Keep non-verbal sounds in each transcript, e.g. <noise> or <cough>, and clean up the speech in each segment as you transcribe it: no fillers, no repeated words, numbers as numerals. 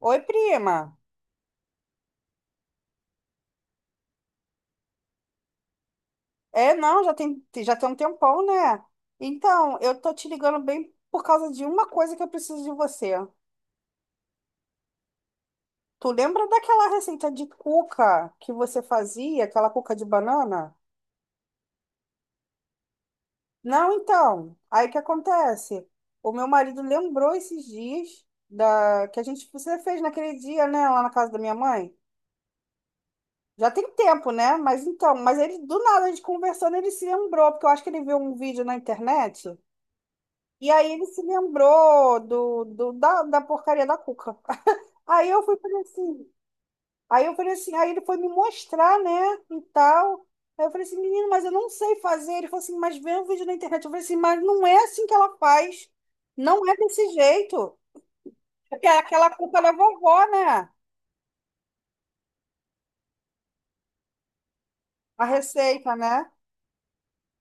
Oi, prima. É, não, já tem um tempão, né? Então, eu tô te ligando bem por causa de uma coisa que eu preciso de você. Tu lembra daquela receita de cuca que você fazia, aquela cuca de banana? Não, então. Aí o que acontece? O meu marido lembrou esses dias da que a gente você fez naquele dia, né, lá na casa da minha mãe. Já tem tempo, né? Mas então, mas ele do nada, a gente conversando, ele se lembrou, porque eu acho que ele viu um vídeo na internet. E aí ele se lembrou da porcaria da cuca. <laughs> Aí eu fui falei assim, aí eu falei assim, aí ele foi me mostrar, né, e tal. Aí eu falei assim, menino, mas eu não sei fazer. Ele falou assim, mas vê um vídeo na internet. Eu falei assim, mas não é assim que ela faz. Não é desse jeito. Porque é aquela cuca da vovó, né? A receita, né?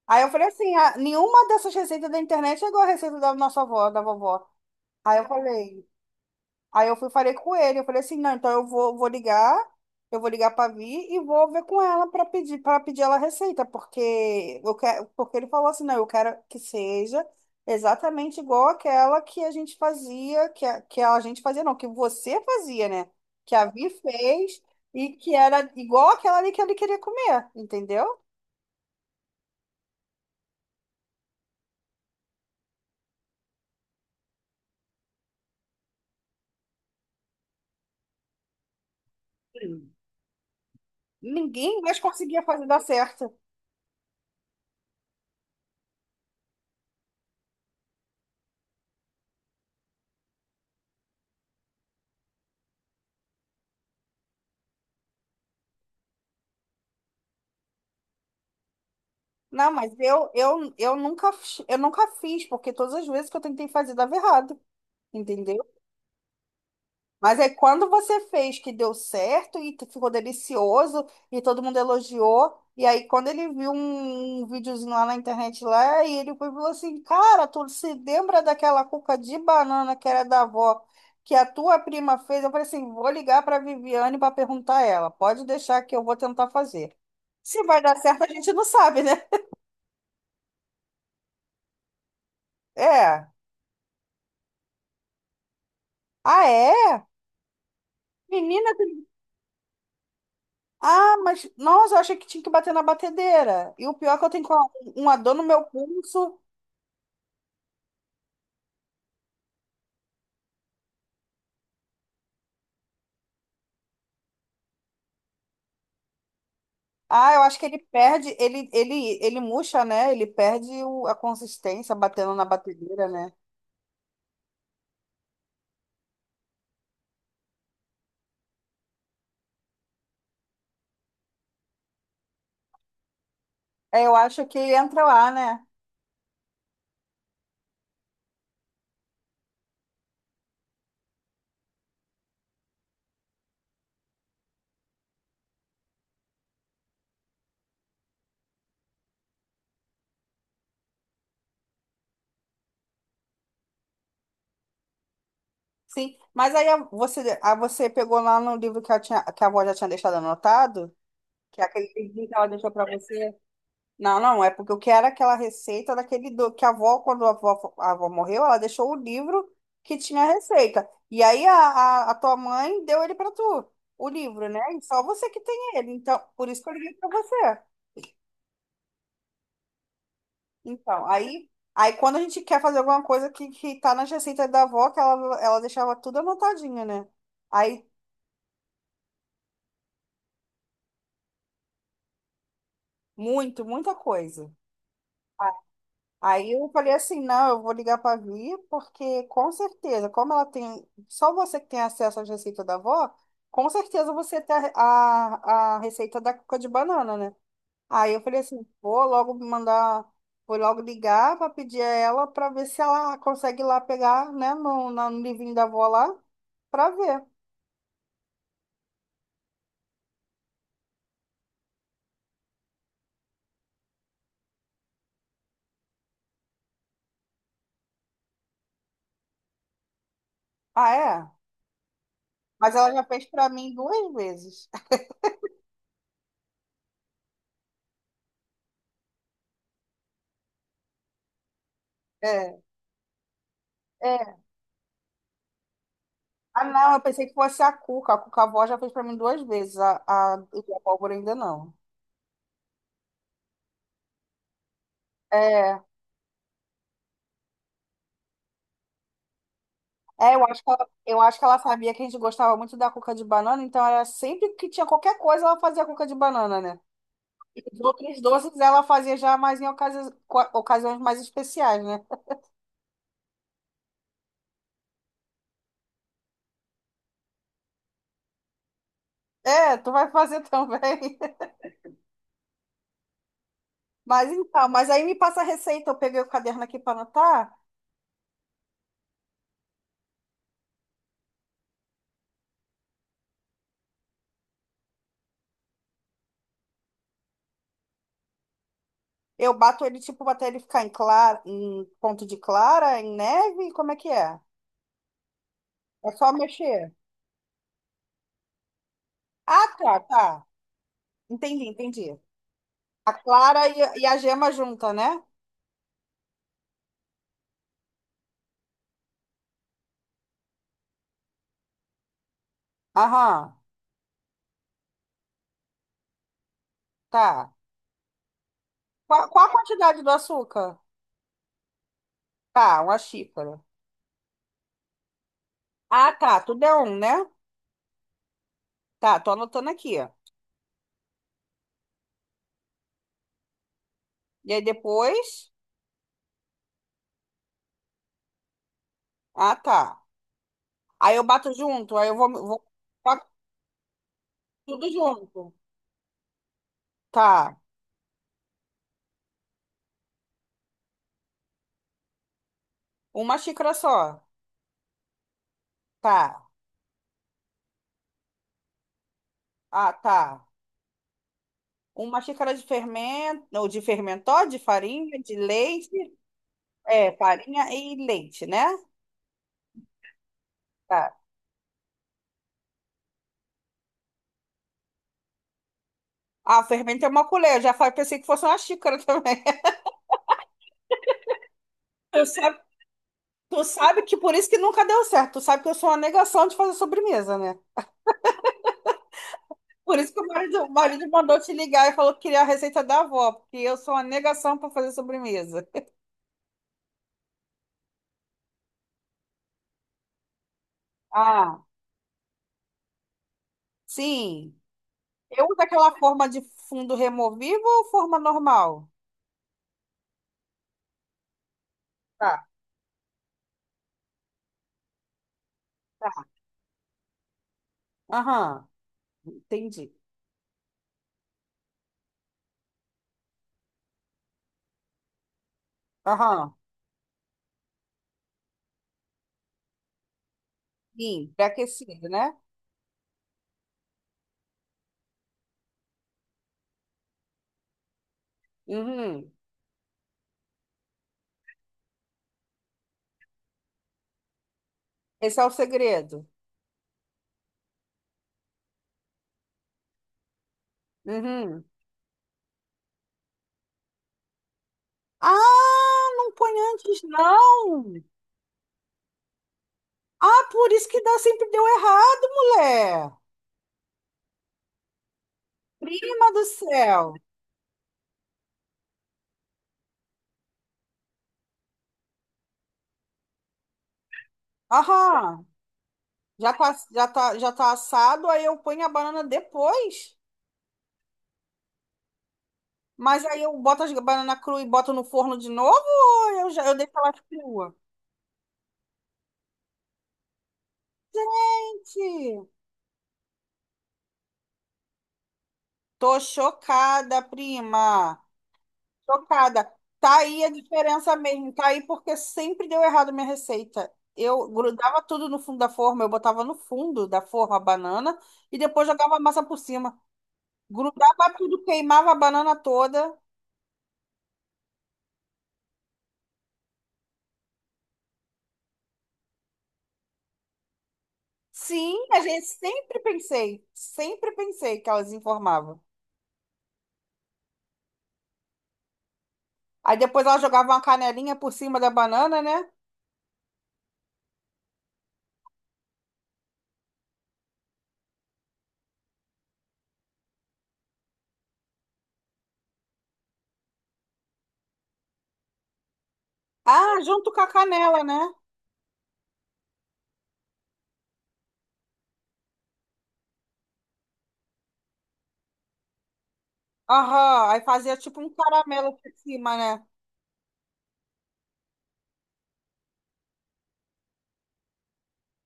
Aí eu falei assim, "Ah, nenhuma dessas receitas da internet é igual a receita da nossa avó, da vovó." Aí eu falei, aí eu fui, falei com ele, eu falei assim, não, então eu vou, vou ligar, eu vou ligar para Vi e vou ver com ela para pedir ela a receita, porque eu quero, porque ele falou assim, não, eu quero que seja exatamente igual aquela que a gente fazia, que a gente fazia, não, que você fazia, né? Que a Vi fez e que era igual aquela ali que ele queria comer, entendeu? Sim. Ninguém mais conseguia fazer dar certo. Não, mas eu, eu nunca fiz, porque todas as vezes que eu tentei fazer dava errado. Entendeu? Mas é quando você fez que deu certo e tu ficou delicioso e todo mundo elogiou. E aí, quando ele viu um videozinho lá na internet lá, e ele foi e falou assim: "Cara, tu se lembra daquela cuca de banana que era da avó, que a tua prima fez?" Eu falei assim: "Vou ligar pra Viviane pra perguntar a ela. Pode deixar que eu vou tentar fazer." Se vai dar certo, a gente não sabe, né? É. Ah, é? Menina, ah, mas nossa, eu achei que tinha que bater na batedeira. E o pior é que eu tenho uma dor no meu pulso. Ah, eu acho que ele perde, ele murcha, né? Ele perde a consistência batendo na batedeira, né? É, eu acho que entra lá, né? Sim. Mas aí você, a você pegou lá no livro que, eu tinha, que a avó já tinha deixado anotado, que é aquele livrinho que ela deixou pra você. Não, não, é porque o que era aquela receita daquele do... que a avó, quando a avó morreu, ela deixou o livro que tinha a receita. E aí a tua mãe deu ele para tu, o livro, né? E só você que tem ele. Então, por isso que eu liguei para você. Então, aí, aí quando a gente quer fazer alguma coisa que tá nas receitas da avó, que ela deixava tudo anotadinho, né? Aí, muito, muita coisa. Aí eu falei assim, não, eu vou ligar para a Vi, porque com certeza, como ela tem, só você que tem acesso às receitas da avó, com certeza você tem a receita da cuca de banana, né? Aí eu falei assim, vou logo mandar, vou logo ligar para pedir a ela para ver se ela consegue ir lá pegar, né, no livrinho da avó lá, para ver. Ah, é? Mas ela já fez para mim 2 vezes. <laughs> É. É. Ah, não, eu pensei que fosse a Cuca. A Cuca Vó já fez pra mim 2 vezes. E a Pólvora ainda não. É, é, eu acho que ela, eu acho que ela sabia que a gente gostava muito da cuca de banana, então era sempre que tinha qualquer coisa, ela fazia cuca de banana, né? E os outros doces ela fazia já mais em ocasiões mais especiais, né? É, tu vai fazer também. <laughs> Mas então, mas aí me passa a receita, eu peguei o caderno aqui para anotar, eu bato ele tipo até ele ficar em clara, em ponto de clara, em neve, como é que é? É só mexer. Ah, tá, tá. Entendi, entendi. A clara e a gema junta, né? Aham, tá. Qual, qual a quantidade do açúcar? Tá, uma xícara. Ah, tá. Tudo é um, né? Tá, tô anotando aqui. E aí depois. Ah, tá. Aí eu bato junto, aí eu vou, vou bato tudo junto. Tá. Uma xícara só. Tá. Ah, tá. Uma xícara de fermento, ou de fermentó, de farinha, de leite. É, farinha e leite, né? Tá. Ah, fermento é uma colher. Eu já falei, pensei que fosse uma xícara também. <laughs> Tu sabe, tu sabe que por isso que nunca deu certo. Tu sabe que eu sou uma negação de fazer sobremesa, né? Por isso que o marido mandou te ligar e falou que queria a receita da avó, porque eu sou uma negação para fazer sobremesa. Ah, sim. Eu uso aquela forma de fundo removível ou forma normal? Tá, tá. Aham, entendi. Aham, sim, pré-aquecido, né? Uhum. Esse é o segredo. Uhum. Ah, não põe antes, não. Ah, por isso que dá, sempre deu errado, mulher. Prima do céu. Aham. Já tá, já tá assado, aí eu ponho a banana depois. Mas aí eu boto as banana crua e boto no forno de novo, ou eu, já, eu deixo ela crua? Gente, tô chocada, prima. Chocada. Tá aí a diferença mesmo. Tá aí porque sempre deu errado minha receita. Eu grudava tudo no fundo da forma, eu botava no fundo da forma a banana e depois jogava a massa por cima. Grudava tudo, queimava a banana toda. Sim, a gente sempre pensei que elas informavam. Aí depois ela jogava uma canelinha por cima da banana, né? Ah, junto com a canela, né? Aham, aí fazia tipo um caramelo por cima, né?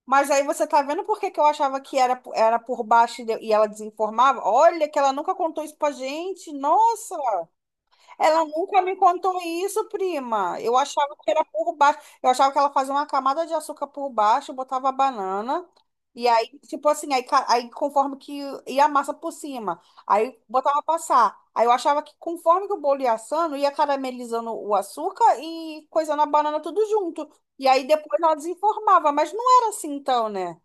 Mas aí você tá vendo por que que eu achava que era, era por baixo e e ela desinformava? Olha, que ela nunca contou isso pra gente. Nossa, ela nunca me contou isso, prima. Eu achava que era por baixo. Eu achava que ela fazia uma camada de açúcar por baixo, botava a banana. E aí, tipo assim, aí, aí conforme que ia a massa por cima, aí botava a passar. Aí eu achava que conforme que o bolo ia assando, ia caramelizando o açúcar e coisando a banana tudo junto. E aí depois ela desinformava, mas não era assim então, né?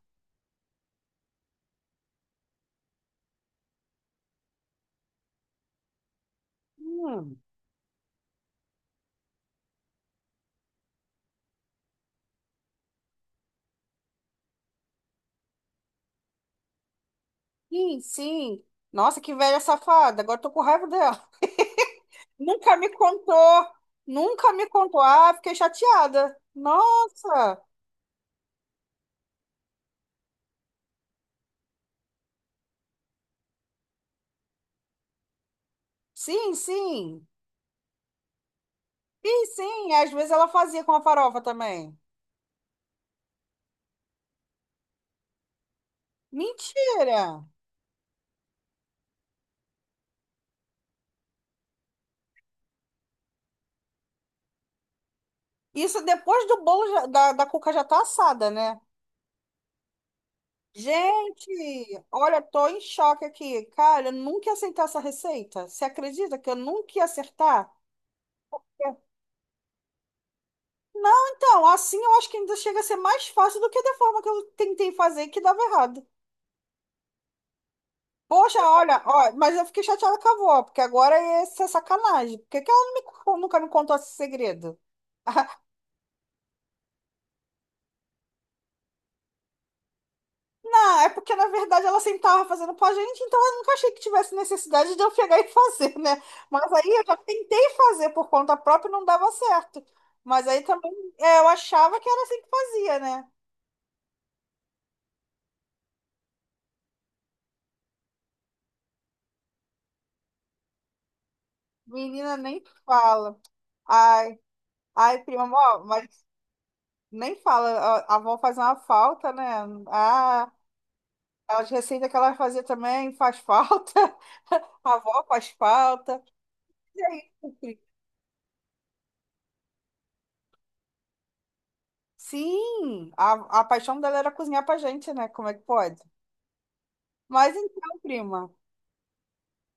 Hum, sim, sim. Nossa, que velha safada. Agora tô com raiva dela. <laughs> Nunca me contou. Nunca me contou. Ah, fiquei chateada. Nossa. Sim, sim. Sim, sim. Às vezes ela fazia com a farofa também. Mentira. Isso depois do bolo da cuca já tá assada, né? Gente, olha, tô em choque aqui. Cara, eu nunca ia aceitar essa receita. Você acredita que eu nunca ia acertar? Não, então, assim eu acho que ainda chega a ser mais fácil do que da forma que eu tentei fazer que dava errado. Poxa, olha, ó, mas eu fiquei chateada com a avó, porque agora essa é sacanagem. Por que que ela não nunca me contou esse segredo? <laughs> Não, é porque na verdade ela sempre estava fazendo pra gente, então eu nunca achei que tivesse necessidade de eu pegar e <laughs> fazer, né? Mas aí eu já tentei fazer por conta própria e não dava certo. Mas aí também é, eu achava que ela sempre fazia, né? Menina nem fala. Ai, ai, prima, ó, mas nem fala, a avó faz uma falta, né? Ah, as receitas que ela fazia também faz falta. <laughs> A avó faz falta. E aí, sim, a paixão dela era cozinhar pra gente, né? Como é que pode? Mas então, prima.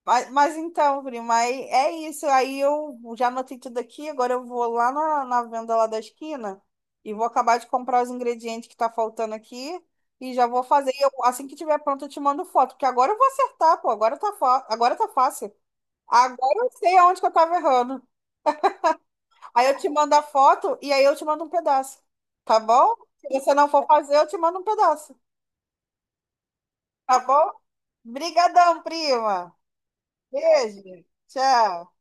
Mas então, prima, aí é isso. Aí eu já anotei tudo aqui. Agora eu vou lá na, na venda lá da esquina e vou acabar de comprar os ingredientes que tá faltando aqui e já vou fazer. E eu, assim que tiver pronto, eu te mando foto, porque agora eu vou acertar, pô. Agora tá, agora tá fácil. Agora eu sei aonde que eu tava errando. Aí eu te mando a foto e aí eu te mando um pedaço. Tá bom? Se você não for fazer, eu te mando um pedaço. Tá bom? Brigadão, prima. Beijo. Tchau.